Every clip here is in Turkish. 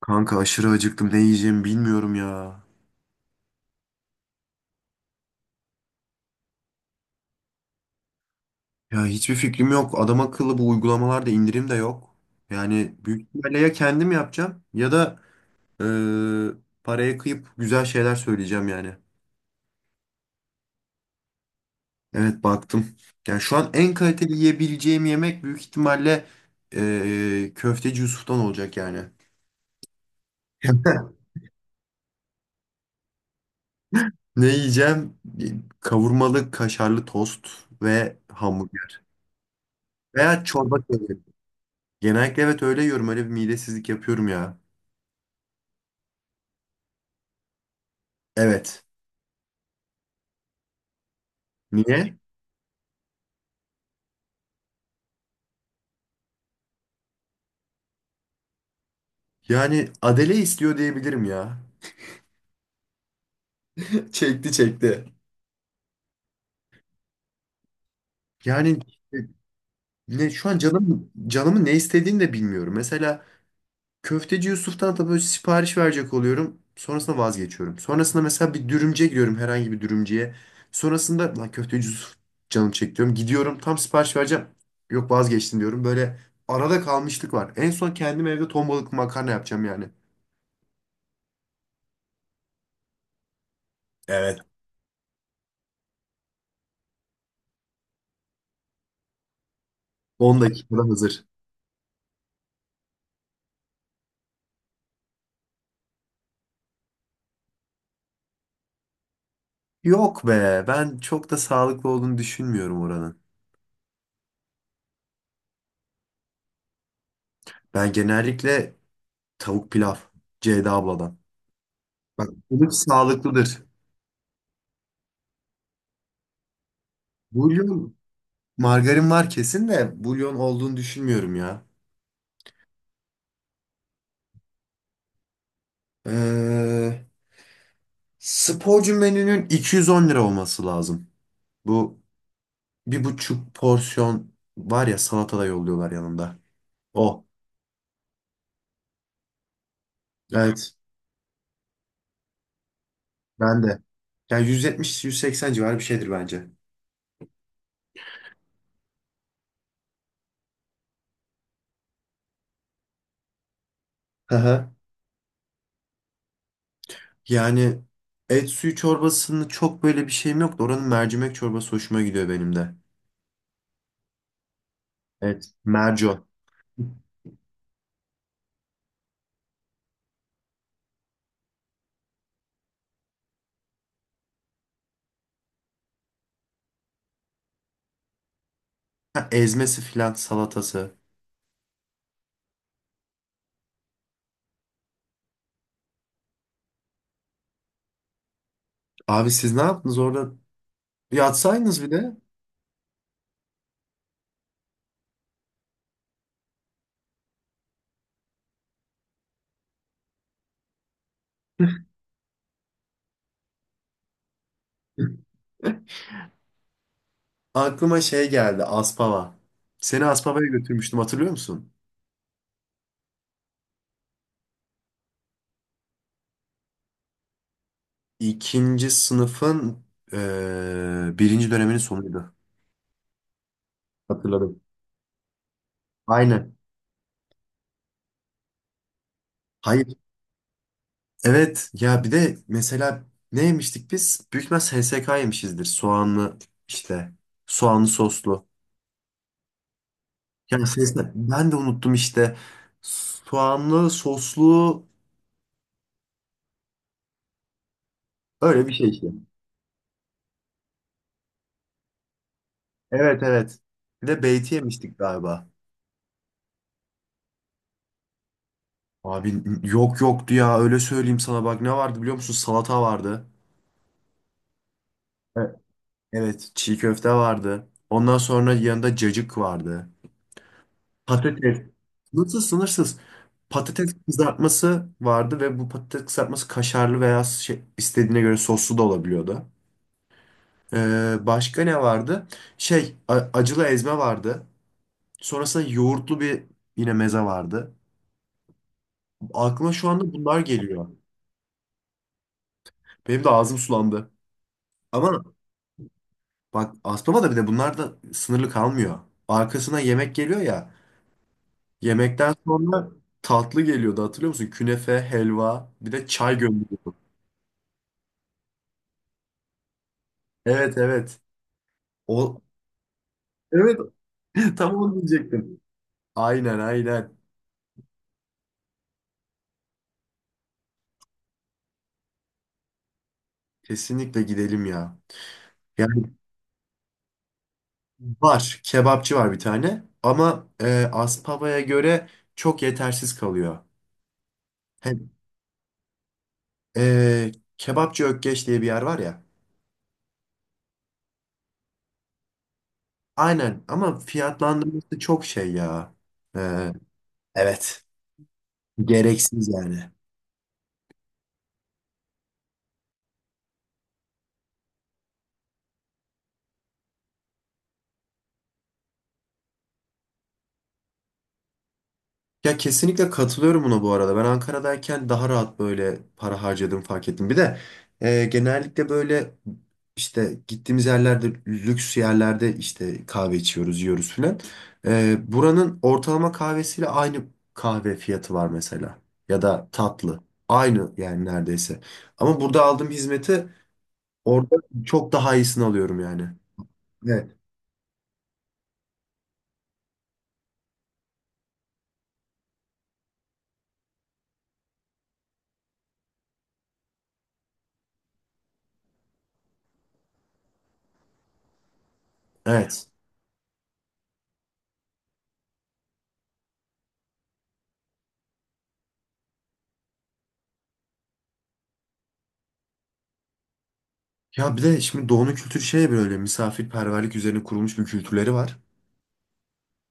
Kanka aşırı acıktım. Ne yiyeceğimi bilmiyorum ya. Ya hiçbir fikrim yok. Adam akıllı bu uygulamalarda indirim de yok. Yani büyük ihtimalle ya kendim yapacağım ya da e, paraya kıyıp güzel şeyler söyleyeceğim yani. Evet baktım. Yani şu an en kaliteli yiyebileceğim yemek büyük ihtimalle köfteci Yusuf'tan olacak yani. Ne yiyeceğim? Kavurmalı kaşarlı tost ve hamburger. Veya çorba söyleyeyim. Genellikle evet öyle yiyorum. Öyle bir midesizlik yapıyorum ya. Evet. Niye? Yani Adele istiyor diyebilirim ya. Çekti çekti. Yani ne şu an canım canımın ne istediğini de bilmiyorum. Mesela köfteci Yusuf'tan da böyle sipariş verecek oluyorum. Sonrasında vazgeçiyorum. Sonrasında mesela bir dürümcüye gidiyorum herhangi bir dürümcüye. Sonrasında lan köfteci Yusuf canım çekiyorum. Gidiyorum tam sipariş vereceğim. Yok vazgeçtim diyorum. Böyle arada kalmışlık var. En son kendim evde ton balıklı makarna yapacağım yani. Evet. 10 dakikada hazır. Yok be, ben çok da sağlıklı olduğunu düşünmüyorum oranın. Ben genellikle tavuk pilav, Ceyda abladan. Bak, bu sağlıklıdır. Bulyon, margarin var kesin de bulyon olduğunu düşünmüyorum ya. Ee, sporcu menünün 210 lira olması lazım. Bu 1,5 porsiyon var ya salata da yolluyorlar yanında. O. Evet, ben de. Yani 170-180 civarı bir şeydir bence. Yani et suyu çorbasının çok böyle bir şeyim yok da oranın mercimek çorbası hoşuma gidiyor benim de. Evet. Merco. Ha, ezmesi filan salatası. Abi siz ne yaptınız orada? Yatsaydınız bir de. Aklıma şey geldi Aspava. Seni Aspava'ya götürmüştüm hatırlıyor musun? İkinci sınıfın birinci döneminin sonuydu. Hatırladım. Aynen. Hayır. Evet ya bir de mesela ne yemiştik biz? Büyük ihtimal SSK yemişizdir. Soğanlı işte. Soğanlı soslu. Yani SSK ben de unuttum işte. Soğanlı soslu öyle bir şey işte. Evet evet. Bir de beyti yemiştik galiba. Abi yok yoktu ya öyle söyleyeyim sana bak ne vardı biliyor musun? Salata vardı. Evet. Evet çiğ köfte vardı. Ondan sonra yanında cacık vardı. Patates. Nasıl sınırsız. Patates kızartması vardı ve bu patates kızartması kaşarlı veya şey, istediğine göre soslu da olabiliyordu. Başka ne vardı? Şey acılı ezme vardı. Sonrasında yoğurtlu bir yine meze vardı. Aklıma şu anda bunlar geliyor. Benim de ağzım sulandı. Ama bak Aspava'da bir de bunlar da sınırlı kalmıyor. Arkasına yemek geliyor ya. Yemekten sonra tatlı geliyordu hatırlıyor musun? Künefe, helva bir de çay gönderiyordu. Evet evet. O, evet tam onu diyecektim. Aynen aynen. Kesinlikle gidelim ya. Yani var. Kebapçı var bir tane. Ama Aspava'ya göre çok yetersiz kalıyor. Hem, e, Kebapçı Ökkeş diye bir yer var ya. Aynen ama fiyatlandırması çok şey ya. E, evet. Gereksiz yani. Ya kesinlikle katılıyorum buna bu arada. Ben Ankara'dayken daha rahat böyle para harcadığımı fark ettim. Bir de genellikle böyle işte gittiğimiz yerlerde lüks yerlerde işte kahve içiyoruz, yiyoruz filan. Buranın ortalama kahvesiyle aynı kahve fiyatı var mesela. Ya da tatlı. Aynı yani neredeyse. Ama burada aldığım hizmeti orada çok daha iyisini alıyorum yani. Evet. Evet. Ya bir de şimdi doğunun kültürü şey böyle misafirperverlik üzerine kurulmuş bir kültürleri var.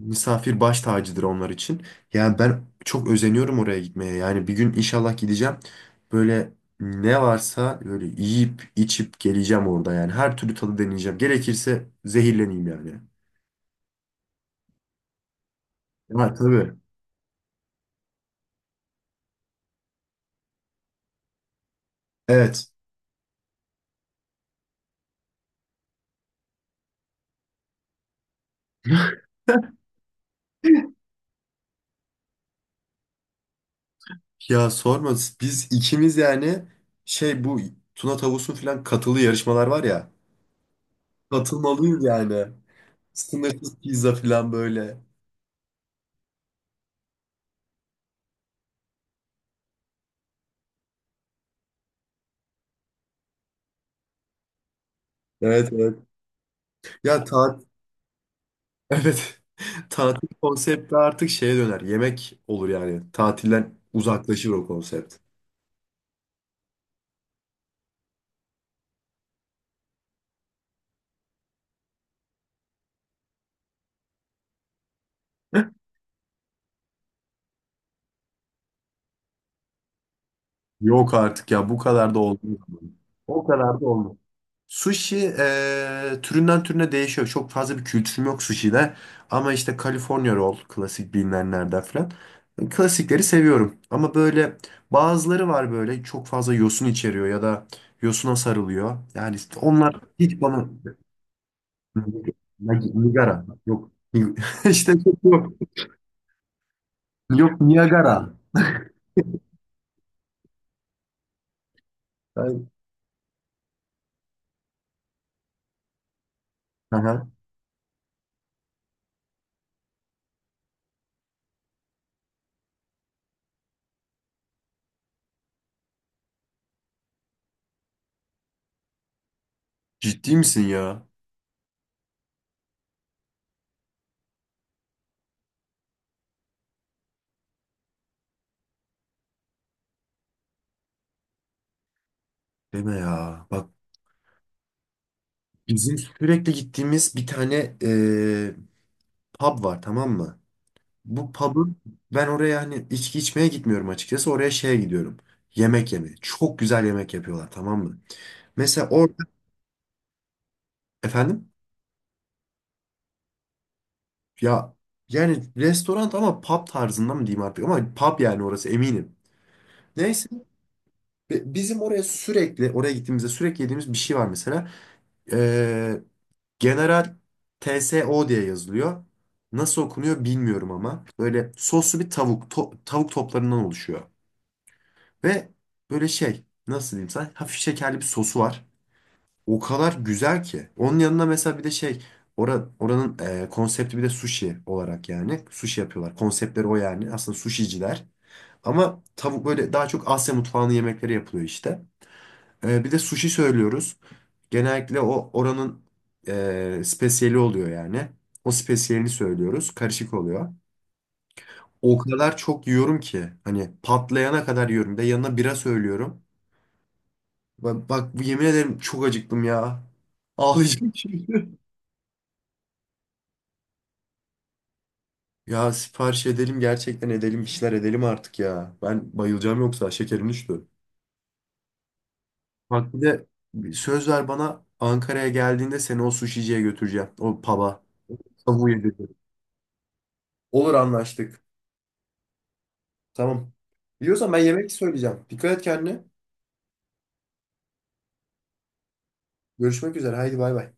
Misafir baş tacıdır onlar için. Yani ben çok özeniyorum oraya gitmeye. Yani bir gün inşallah gideceğim. Böyle ne varsa böyle yiyip içip geleceğim orada yani. Her türlü tadı deneyeceğim. Gerekirse zehirleneyim yani. Ha, tabii. Evet. Ya sorma biz ikimiz yani şey bu Tuna Tavus'un falan katılı yarışmalar var ya. Katılmalıyız yani. Sınırsız pizza falan böyle. Evet evet. Ya ta. Evet. Tatil konsepti artık şeye döner. Yemek olur yani. Tatilden uzaklaşır o konsept. Yok artık ya bu kadar da olmuyor. O kadar da olmuyor. Sushi türünden türüne değişiyor. Çok fazla bir kültürüm yok sushi'de. Ama işte California roll klasik bilinenlerden falan. Klasikleri seviyorum. Ama böyle bazıları var böyle çok fazla yosun içeriyor ya da yosuna sarılıyor. Yani işte onlar hiç bana Nig- Nigara. Yok. İşte çok yok. Yok Niagara. Ben- Aha. Ciddi misin ya? Deme ya. Bak bizim sürekli gittiğimiz bir tane pub var tamam mı? Bu pub'ın ben oraya hani içki içmeye gitmiyorum açıkçası. Oraya şeye gidiyorum. Yemek yemeye. Çok güzel yemek yapıyorlar tamam mı? Mesela orada efendim ya yani restoran ama pub tarzında mı diyeyim artık ama pub yani orası eminim. Neyse ve bizim oraya sürekli, oraya gittiğimizde sürekli yediğimiz bir şey var mesela. Ee, General TSO diye yazılıyor. Nasıl okunuyor bilmiyorum ama. Böyle soslu bir tavuk, tavuk toplarından oluşuyor. Ve böyle şey, nasıl diyeyim sana, hafif şekerli bir sosu var. O kadar güzel ki. Onun yanına mesela bir de şey, oranın konsepti bir de sushi olarak yani. Sushi yapıyorlar. Konseptleri o yani. Aslında sushiciler. Ama tavuk böyle daha çok Asya mutfağının yemekleri yapılıyor işte. Bir de sushi söylüyoruz. Genellikle o oranın spesiyeli oluyor yani. O spesiyelini söylüyoruz. Karışık oluyor. O kadar çok yiyorum ki hani patlayana kadar yiyorum. Bir de yanına bira söylüyorum. Bak, bak yemin ederim çok acıktım ya. Ağlayacağım şimdi. Ya sipariş edelim gerçekten edelim bir şeyler edelim artık ya. Ben bayılacağım yoksa şekerim düştü. Bak bir de söz ver bana Ankara'ya geldiğinde seni o suşiciye götüreceğim. O pub'a. Tavuğu yedireceğim. Olur anlaştık. Tamam. Biliyorsan ben yemek söyleyeceğim. Dikkat et kendine. Görüşmek üzere. Haydi bay bay.